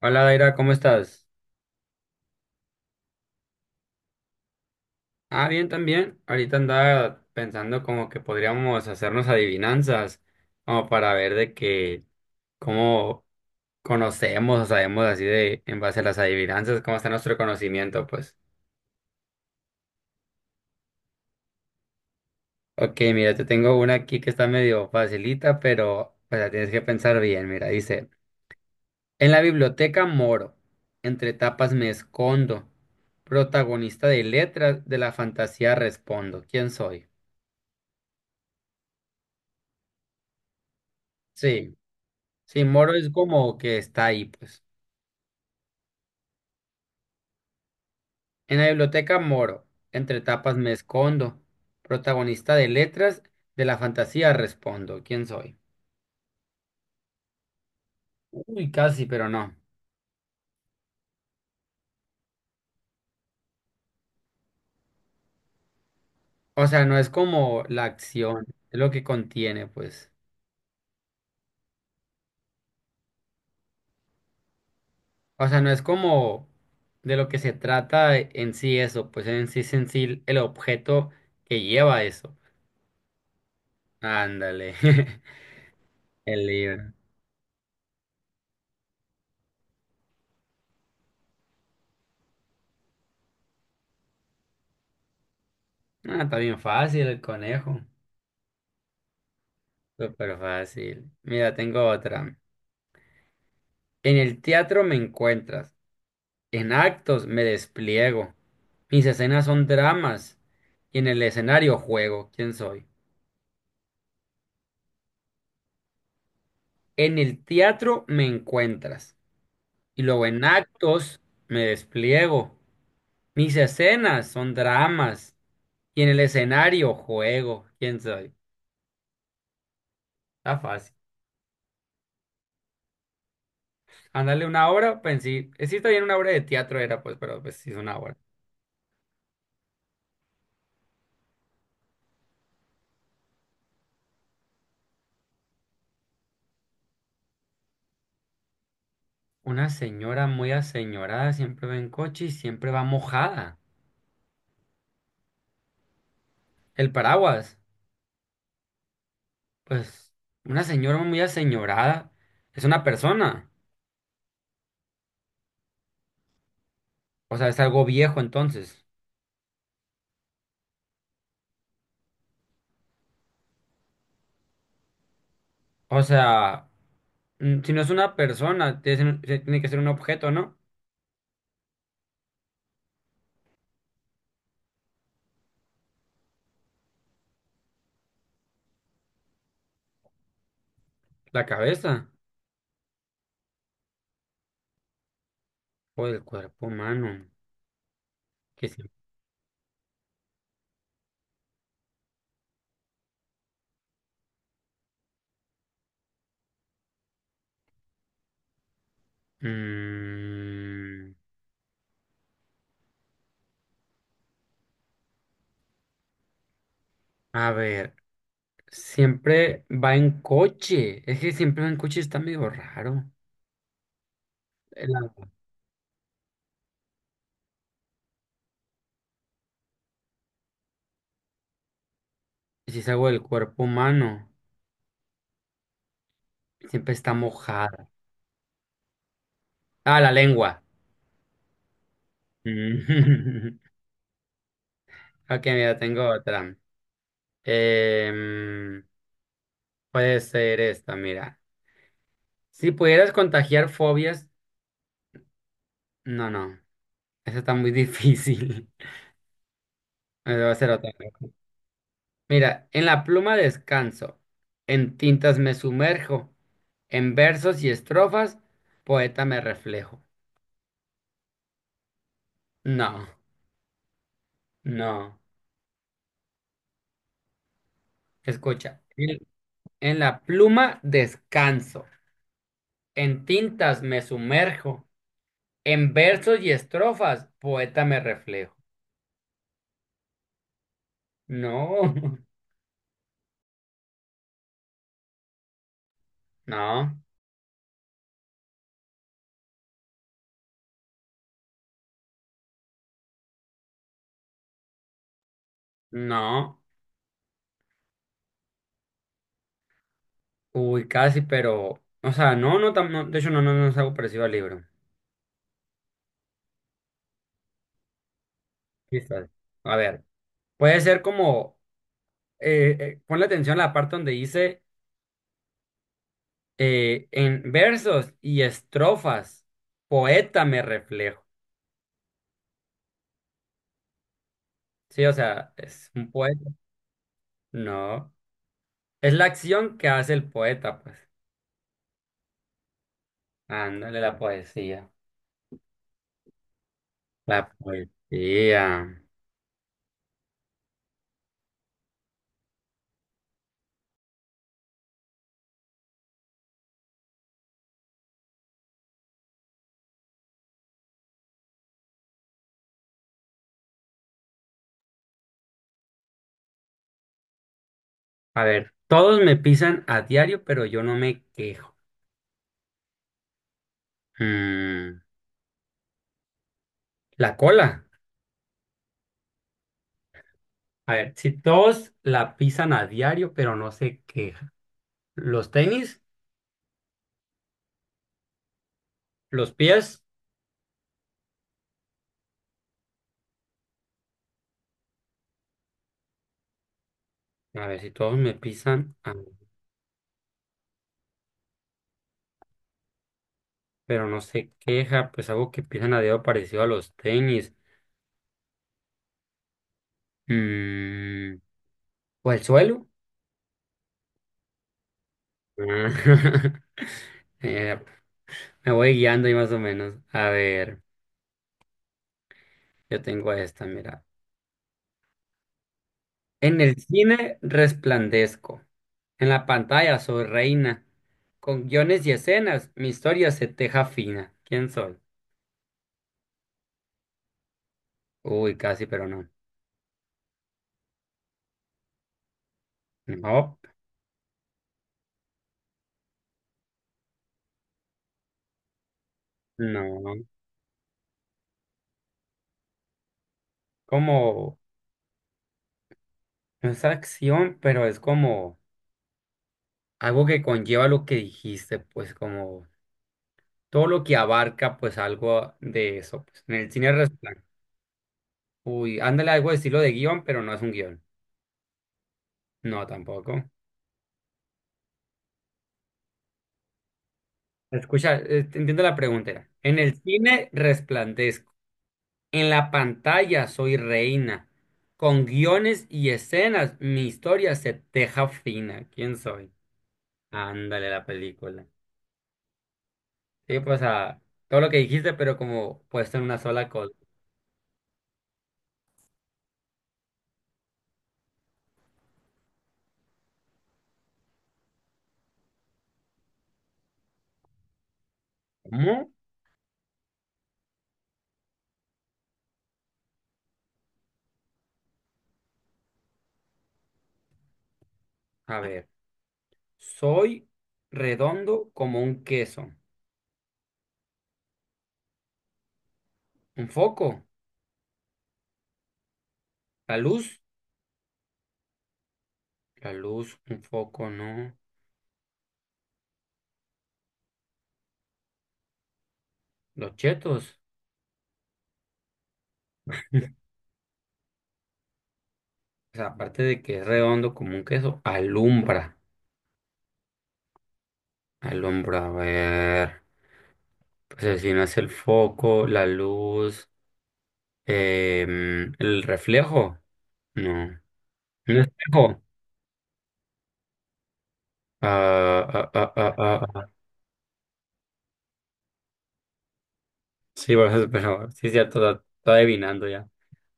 Hola, Daira, ¿cómo estás? Ah, bien también. Ahorita andaba pensando como que podríamos hacernos adivinanzas, como para ver de que cómo conocemos o sabemos así de en base a las adivinanzas, cómo está nuestro conocimiento, pues. Ok, mira, te tengo una aquí que está medio facilita, pero o sea, tienes que pensar bien. Mira, dice, en la biblioteca moro, entre tapas me escondo, protagonista de letras de la fantasía respondo. ¿Quién soy? Sí. Sí, moro es como que está ahí, pues. En la biblioteca moro, entre tapas me escondo. Protagonista de letras, de la fantasía respondo. ¿Quién soy? Uy, casi, pero no. O sea, no es como la acción, es lo que contiene, pues. O sea, no es como de lo que se trata en sí eso, pues en sí es en sí el objeto que lleva eso. Ándale, el libro. Ah, está bien fácil el conejo. Súper fácil. Mira, tengo otra. En el teatro me encuentras, en actos me despliego, mis escenas son dramas y en el escenario juego, ¿quién soy? En el teatro me encuentras y luego en actos me despliego, mis escenas son dramas y en el escenario juego, ¿quién soy? Está fácil. Ándale, una obra, pensé, sí, sí está bien, una obra de teatro era pues, pero pues sí es una obra. Una señora muy aseñorada siempre va en coche y siempre va mojada. El paraguas. Pues una señora muy aseñorada es una persona, o sea, es algo viejo entonces. O sea, si no es una persona, tiene que ser tiene que ser un objeto, ¿no? La cabeza o el cuerpo humano. Que sí. Mm, a ver, siempre va en coche. Es que siempre va en coche está medio raro. El agua. Si es algo del cuerpo humano, siempre está mojada. Ah, la lengua. Mm. Ok, mira, tengo otra. Em, Puede ser esta, mira. Si pudieras contagiar fobias, no, no, eso está muy difícil. Me va a ser otra. Mira, en la pluma descanso, en tintas me sumerjo, en versos y estrofas, poeta me reflejo. No, no, escucha. En la pluma descanso, en tintas me sumerjo, en versos y estrofas, poeta me reflejo. No, no. No, uy, casi, pero, o sea, no, no, no, de hecho, no, no, no es algo parecido al libro. Quizás. A ver, puede ser como, ponle atención a la parte donde dice, en versos y estrofas, poeta me reflejo. Sí, o sea, es un poeta. No, es la acción que hace el poeta, pues. Ándale, la poesía. La poesía. A ver, todos me pisan a diario, pero yo no me quejo. Mm, la cola. A ver, si todos la pisan a diario, pero no se quejan. Los tenis, los pies. A ver, si todos me pisan, pero no se queja, pues algo que pisan a diario parecido a los tenis. Mm, o el suelo. Ah, Eh, me voy guiando ahí más o menos. A ver, yo tengo esta, mira. En el cine resplandezco. En la pantalla soy reina. Con guiones y escenas, mi historia se teja fina. ¿Quién soy? Uy, casi, pero no. No, no. Como, no es acción, pero es como algo que conlleva lo que dijiste, pues como todo lo que abarca, pues algo de eso, pues. En el cine Resplandor. Uy, ándale algo de estilo de guión, pero no es un guión. No, tampoco. Escucha, te entiendo la pregunta. Era, en el cine resplandezco. En la pantalla soy reina. Con guiones y escenas, mi historia se teja fina. ¿Quién soy? Ándale, la película. Sí, pues a todo lo que dijiste, pero como puesto en una sola cosa. ¿Cómo? A ver, soy redondo como un queso. ¿Un foco? ¿La luz? La luz, un foco, no. Los chetos. O sea, aparte de que es redondo como un queso, alumbra. Alumbra, a ver. Pues el si no es el foco, la luz, el reflejo. No. ¿Un espejo? Ah, ah, ah, ah, ah. Sí, por eso, pero sí, cierto, está estoy adivinando ya.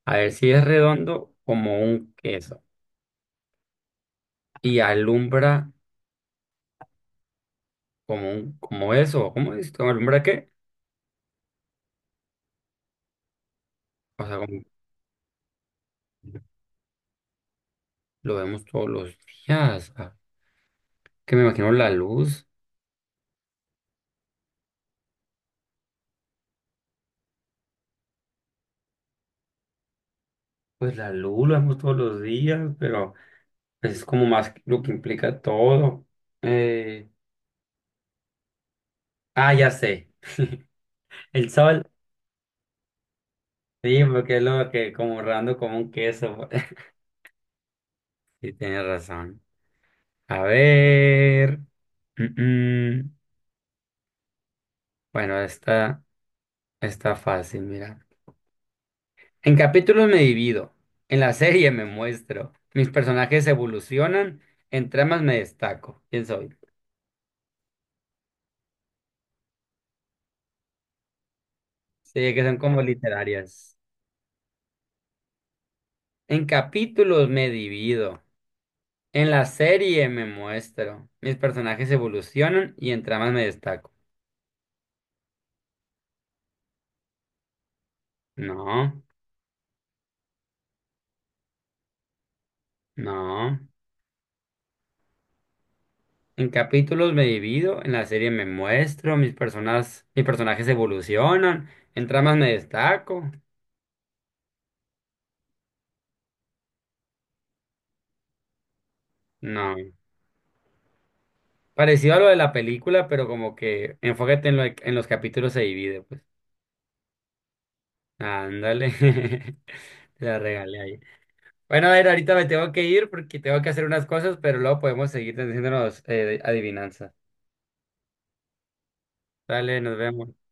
A ver, si es redondo como un queso y alumbra como como eso, ¿cómo es? ¿Cómo alumbra qué? O sea, como lo vemos todos los días. Ah, que me imagino la luz. Pues la luz la vemos todos los días, pero pues, es como más lo que implica todo. Eh, ah, ya sé. El sol. Sí, porque es lo que como redondo como un queso. Sí, tienes razón. A ver. Mm, mm. Bueno, esta está fácil, mira. En capítulos me divido, en la serie me muestro, mis personajes evolucionan, en tramas me destaco. ¿Quién soy? Sí, que son como literarias. En capítulos me divido, en la serie me muestro, mis personajes evolucionan y en tramas me destaco. No, no. En capítulos me divido, en la serie me muestro, mis personajes evolucionan, en tramas me destaco. No, parecido a lo de la película, pero como que enfócate en, lo, en los capítulos se divide, pues. Ándale, te la regalé ahí. Bueno, a ver, ahorita me tengo que ir porque tengo que hacer unas cosas, pero luego podemos seguir haciéndonos adivinanzas. Dale, nos vemos.